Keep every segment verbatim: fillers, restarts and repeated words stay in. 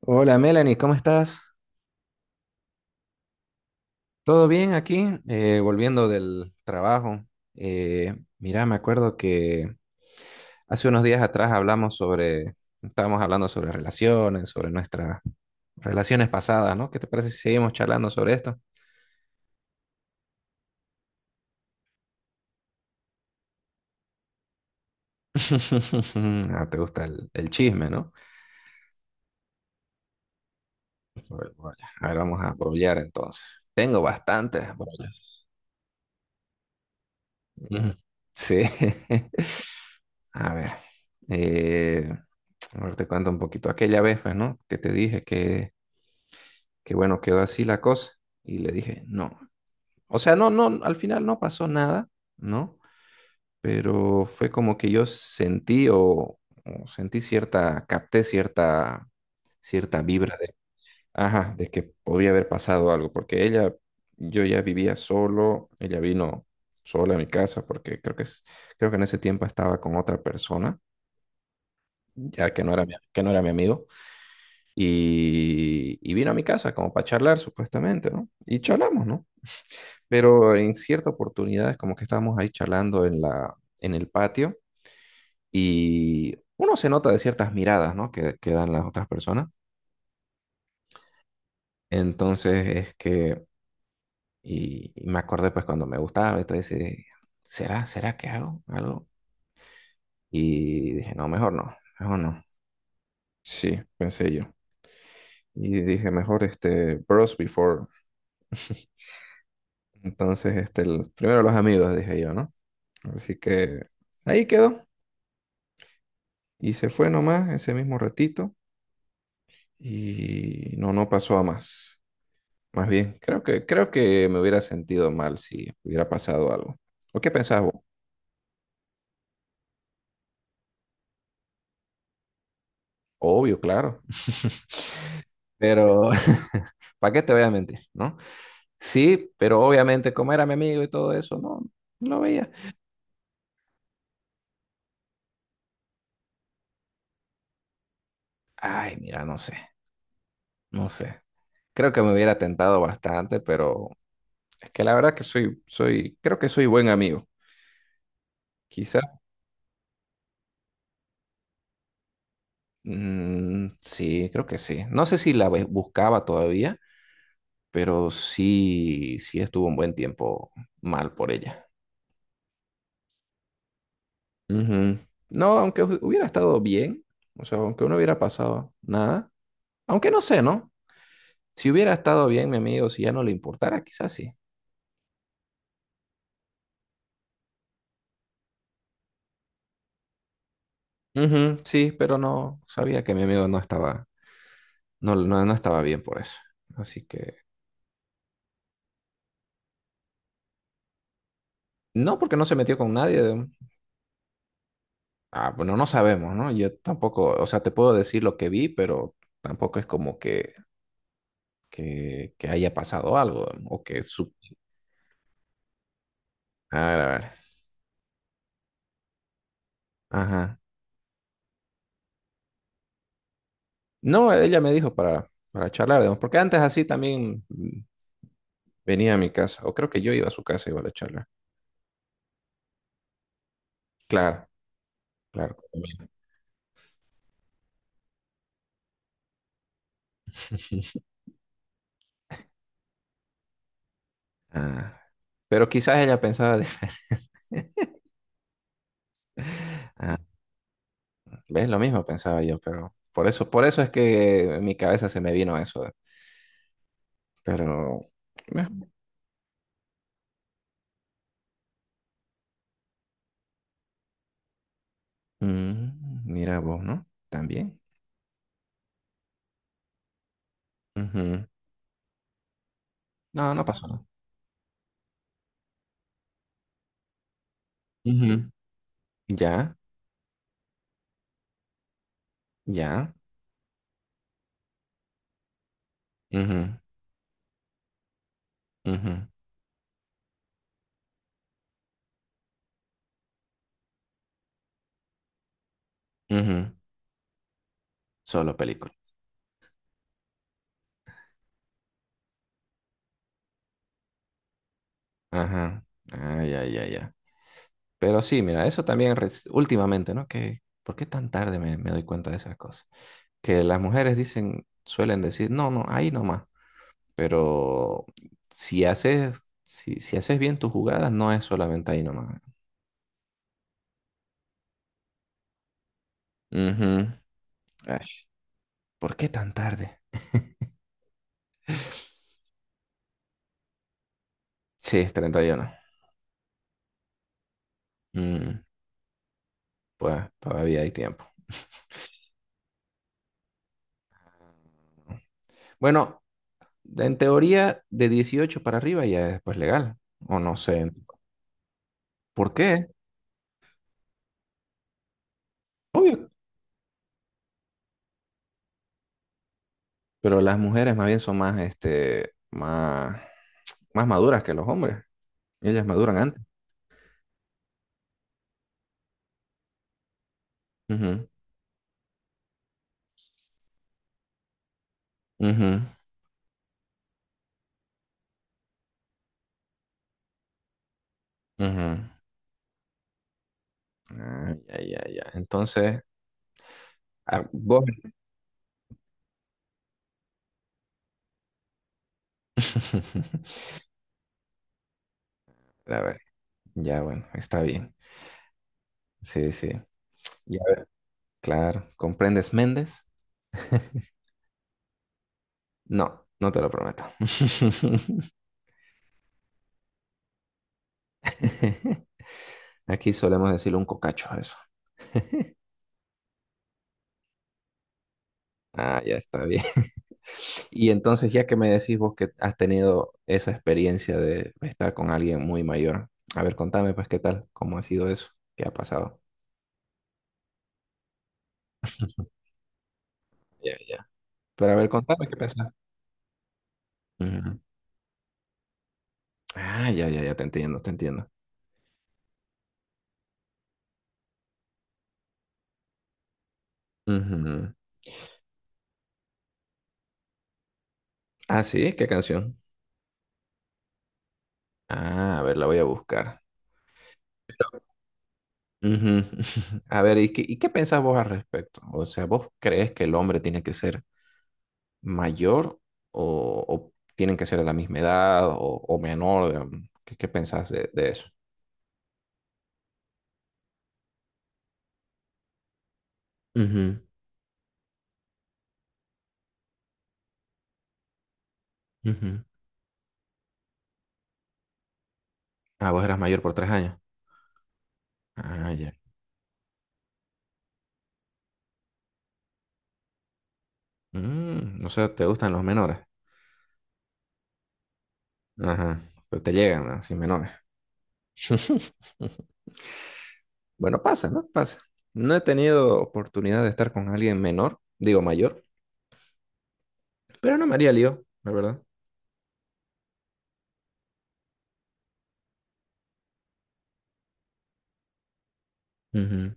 Hola Melanie, ¿cómo estás? ¿Todo bien aquí? Eh, volviendo del trabajo. Eh, mira, me acuerdo que hace unos días atrás hablamos sobre, estábamos hablando sobre relaciones, sobre nuestras relaciones pasadas, ¿no? ¿Qué te parece si seguimos charlando sobre esto? Ah, te gusta el, el chisme, ¿no? Sobre brollas. A ver, vamos a brollar entonces. Tengo bastantes brollas. Ujú. Sí. A ver. eh, a ver, te cuento un poquito. Aquella vez, pues, ¿no? Que te dije que que bueno, quedó así la cosa. Y le dije, no. O sea, no, no, al final no pasó nada, ¿no? Pero fue como que yo sentí o, o sentí cierta, capté cierta, cierta vibra de, ajá, de que podía haber pasado algo, porque ella, yo ya vivía solo, ella vino sola a mi casa, porque creo que, es- creo que en ese tiempo estaba con otra persona, ya que no era mi, que no era mi amigo, y, y vino a mi casa como para charlar supuestamente, ¿no? Y charlamos, ¿no? Pero en ciertas oportunidades como que estábamos ahí charlando en la, en el patio y uno se nota de ciertas miradas, ¿no? que, que dan las otras personas. Entonces es que, y, y me acordé pues cuando me gustaba, entonces dije, ¿será, será que hago algo? Y dije, no, mejor no, mejor no. Sí, pensé yo. Y dije, mejor este, bros before. Entonces, este, el- primero los amigos, dije yo, ¿no? Así que ahí quedó. Y se fue nomás ese mismo ratito. Y no, no pasó a más. Más bien, creo que, creo que me hubiera sentido mal si hubiera pasado algo. ¿O qué pensabas vos? Obvio, claro. Pero, ¿para qué te voy a mentir, no? Sí, pero obviamente, como era mi amigo y todo eso, no, no lo veía. Ay, mira, no sé, no sé. Creo que me hubiera tentado bastante, pero es que la verdad que soy, soy, creo que soy buen amigo. Quizá, mm, sí, creo que sí. No sé si la bu- buscaba todavía, pero sí, sí estuvo un buen tiempo mal por ella. Ujú. No, aunque hu- hubiera estado bien, o sea, aunque no hubiera pasado nada, aunque no sé, ¿no? Si hubiera estado bien mi amigo, si ya no le importara, quizás sí. Ujú, sí, pero no sabía que mi amigo no estaba, no, no, no estaba bien por eso. Así que, no, porque no se metió con nadie. de- Ah, bueno, no sabemos, ¿no? Yo tampoco, o sea, te puedo decir lo que vi, pero tampoco es como que, que, que haya pasado algo o que su- A ver, a ver. Ajá. No, ella me dijo para, para charlar, digamos, porque antes así también mm, venía a mi casa, o creo que yo iba a su casa y iba a la charla. Claro, claro. Conmigo. Ah, pero quizás ella pensaba, de- ah, ves lo mismo pensaba yo, pero por eso, por eso es que en mi cabeza se me vino eso. Pero, bueno, mm, mira vos, ¿no? También. Ujú. No, no pasó nada. Ujú. Ya, ya. Ujú, ujú, ujú. Solo película. Ajá. Ah, ya, ya, ya. Pero sí, mira, eso también res- últimamente, ¿no? Que, ¿por qué tan tarde me, me doy cuenta de esas cosas? Que las mujeres dicen, suelen decir, no, no, ahí nomás. Pero si haces, si, si haces bien tus jugadas, no es solamente ahí nomás. Ujú. Ay, ¿por qué tan tarde? Sí, es treinta y uno. Mm, pues todavía hay tiempo. Bueno, en teoría, de dieciocho para arriba ya es pues legal. O no sé. ¿Por qué? Obvio. Pero las mujeres más bien son más, este, más, más maduras que los hombres. Ellas maduran antes. Ujú, ujú, ujú. Ah, ya, ya, ya. Entonces, a vos. A ver, ya, bueno, está bien. Sí, sí. Ya, a ver, claro. ¿Comprendes Méndez? No, no te lo prometo. Aquí solemos decirle un cocacho a eso. Ah, ya está bien. Y entonces, ya que me decís vos que has tenido esa experiencia de estar con alguien muy mayor, a ver, contame pues qué tal, cómo ha sido eso, qué ha pasado. Ya, ya. Pero a ver, contame qué pensás. Ujú. Ah, ya, ya, ya, te entiendo, te entiendo. Ujú. Ah, sí, ¿qué canción? Ah, a ver, la voy a buscar. Ujú. A ver, ¿y qué, y qué pensás vos al respecto? O sea, ¿vos crees que el hombre tiene que ser mayor o, o tienen que ser de la misma edad o, o menor? Digamos? ¿Qué, qué pensás de, de eso? Ujú, ujú. Ah, vos eras mayor por tres años. Ah, ya. Mm, no sé, ¿te gustan los menores? Ajá. Pero te llegan, ¿no? Sin menores. Bueno, pasa, ¿no? Pasa. No he tenido oportunidad de estar con alguien menor, digo mayor, pero no me haría lío, la verdad. Ujú,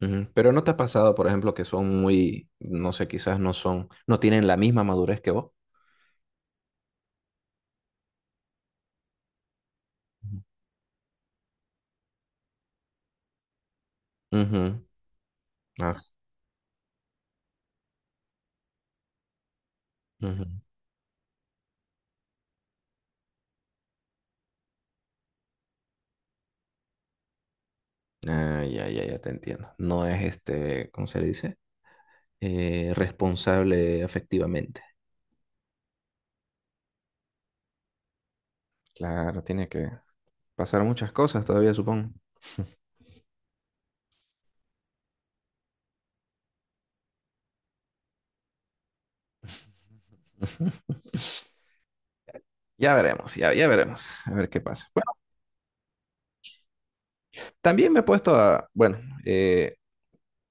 ujú. Pero ¿no te ha pasado, por ejemplo, que son muy, no sé, quizás no son, no tienen la misma madurez que vos? Ujú. Ah, ujú. Ah, ya, ya, ya te entiendo. No es este, ¿cómo se le dice? eh, responsable afectivamente. Claro, tiene que pasar muchas cosas todavía, supongo. Ya veremos, ya, ya veremos, a ver qué pasa. Bueno, también me he puesto a, bueno, eh,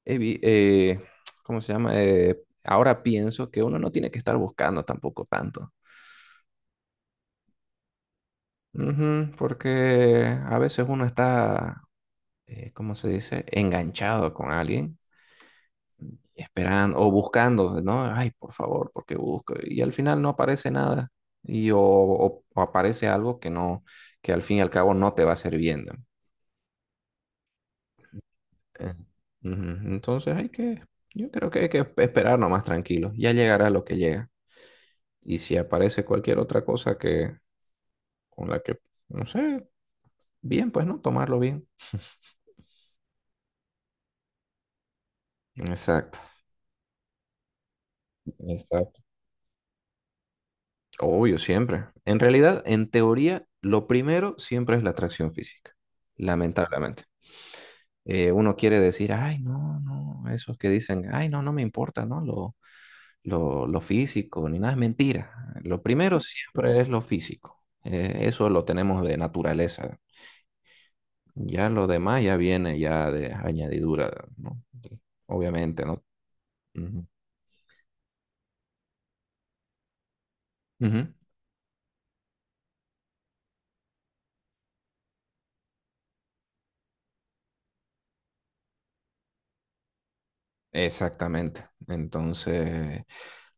he vi- eh, ¿cómo se llama? Eh, ahora pienso que uno no tiene que estar buscando tampoco tanto. Ujú, porque a veces uno está, eh, ¿cómo se dice? Enganchado con alguien esperando o buscando, ¿no? Ay, por favor, porque busco. Y al final no aparece nada. Y o, o- o aparece algo que no, que al fin y al cabo no te va sirviendo. Eh, Ujú. Entonces hay que, yo creo que hay que esperar nomás tranquilo. Ya llegará lo que llega. Y si aparece cualquier otra cosa que, con la que, no sé, bien, pues no, tomarlo bien. Exacto, exacto. Obvio, siempre. En realidad, en teoría, lo primero siempre es la atracción física, lamentablemente. Eh, uno quiere decir, ay, no, no, esos que dicen, ay, no, no me importa, ¿no? Lo, lo, lo físico, ni nada, es mentira. Lo primero siempre es lo físico. Eh, eso lo tenemos de naturaleza. Ya lo demás ya viene ya de añadidura, ¿no? Obviamente, ¿no? Ujú. Ujú. Exactamente. Entonces,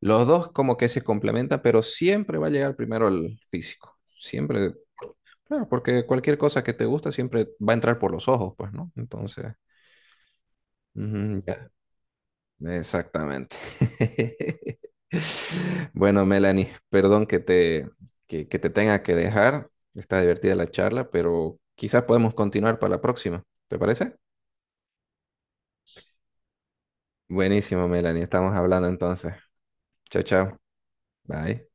los dos como que se complementan, pero siempre va a llegar primero el físico. Siempre, claro, porque cualquier cosa que te gusta siempre va a entrar por los ojos, pues, ¿no? Entonces, ujú, ya, exactamente. Bueno, Melanie, perdón que te, que, que te tenga que dejar. Está divertida la charla, pero quizás podemos continuar para la próxima. ¿Te parece? Buenísimo, Melanie. Estamos hablando entonces. Chao, chao. Bye.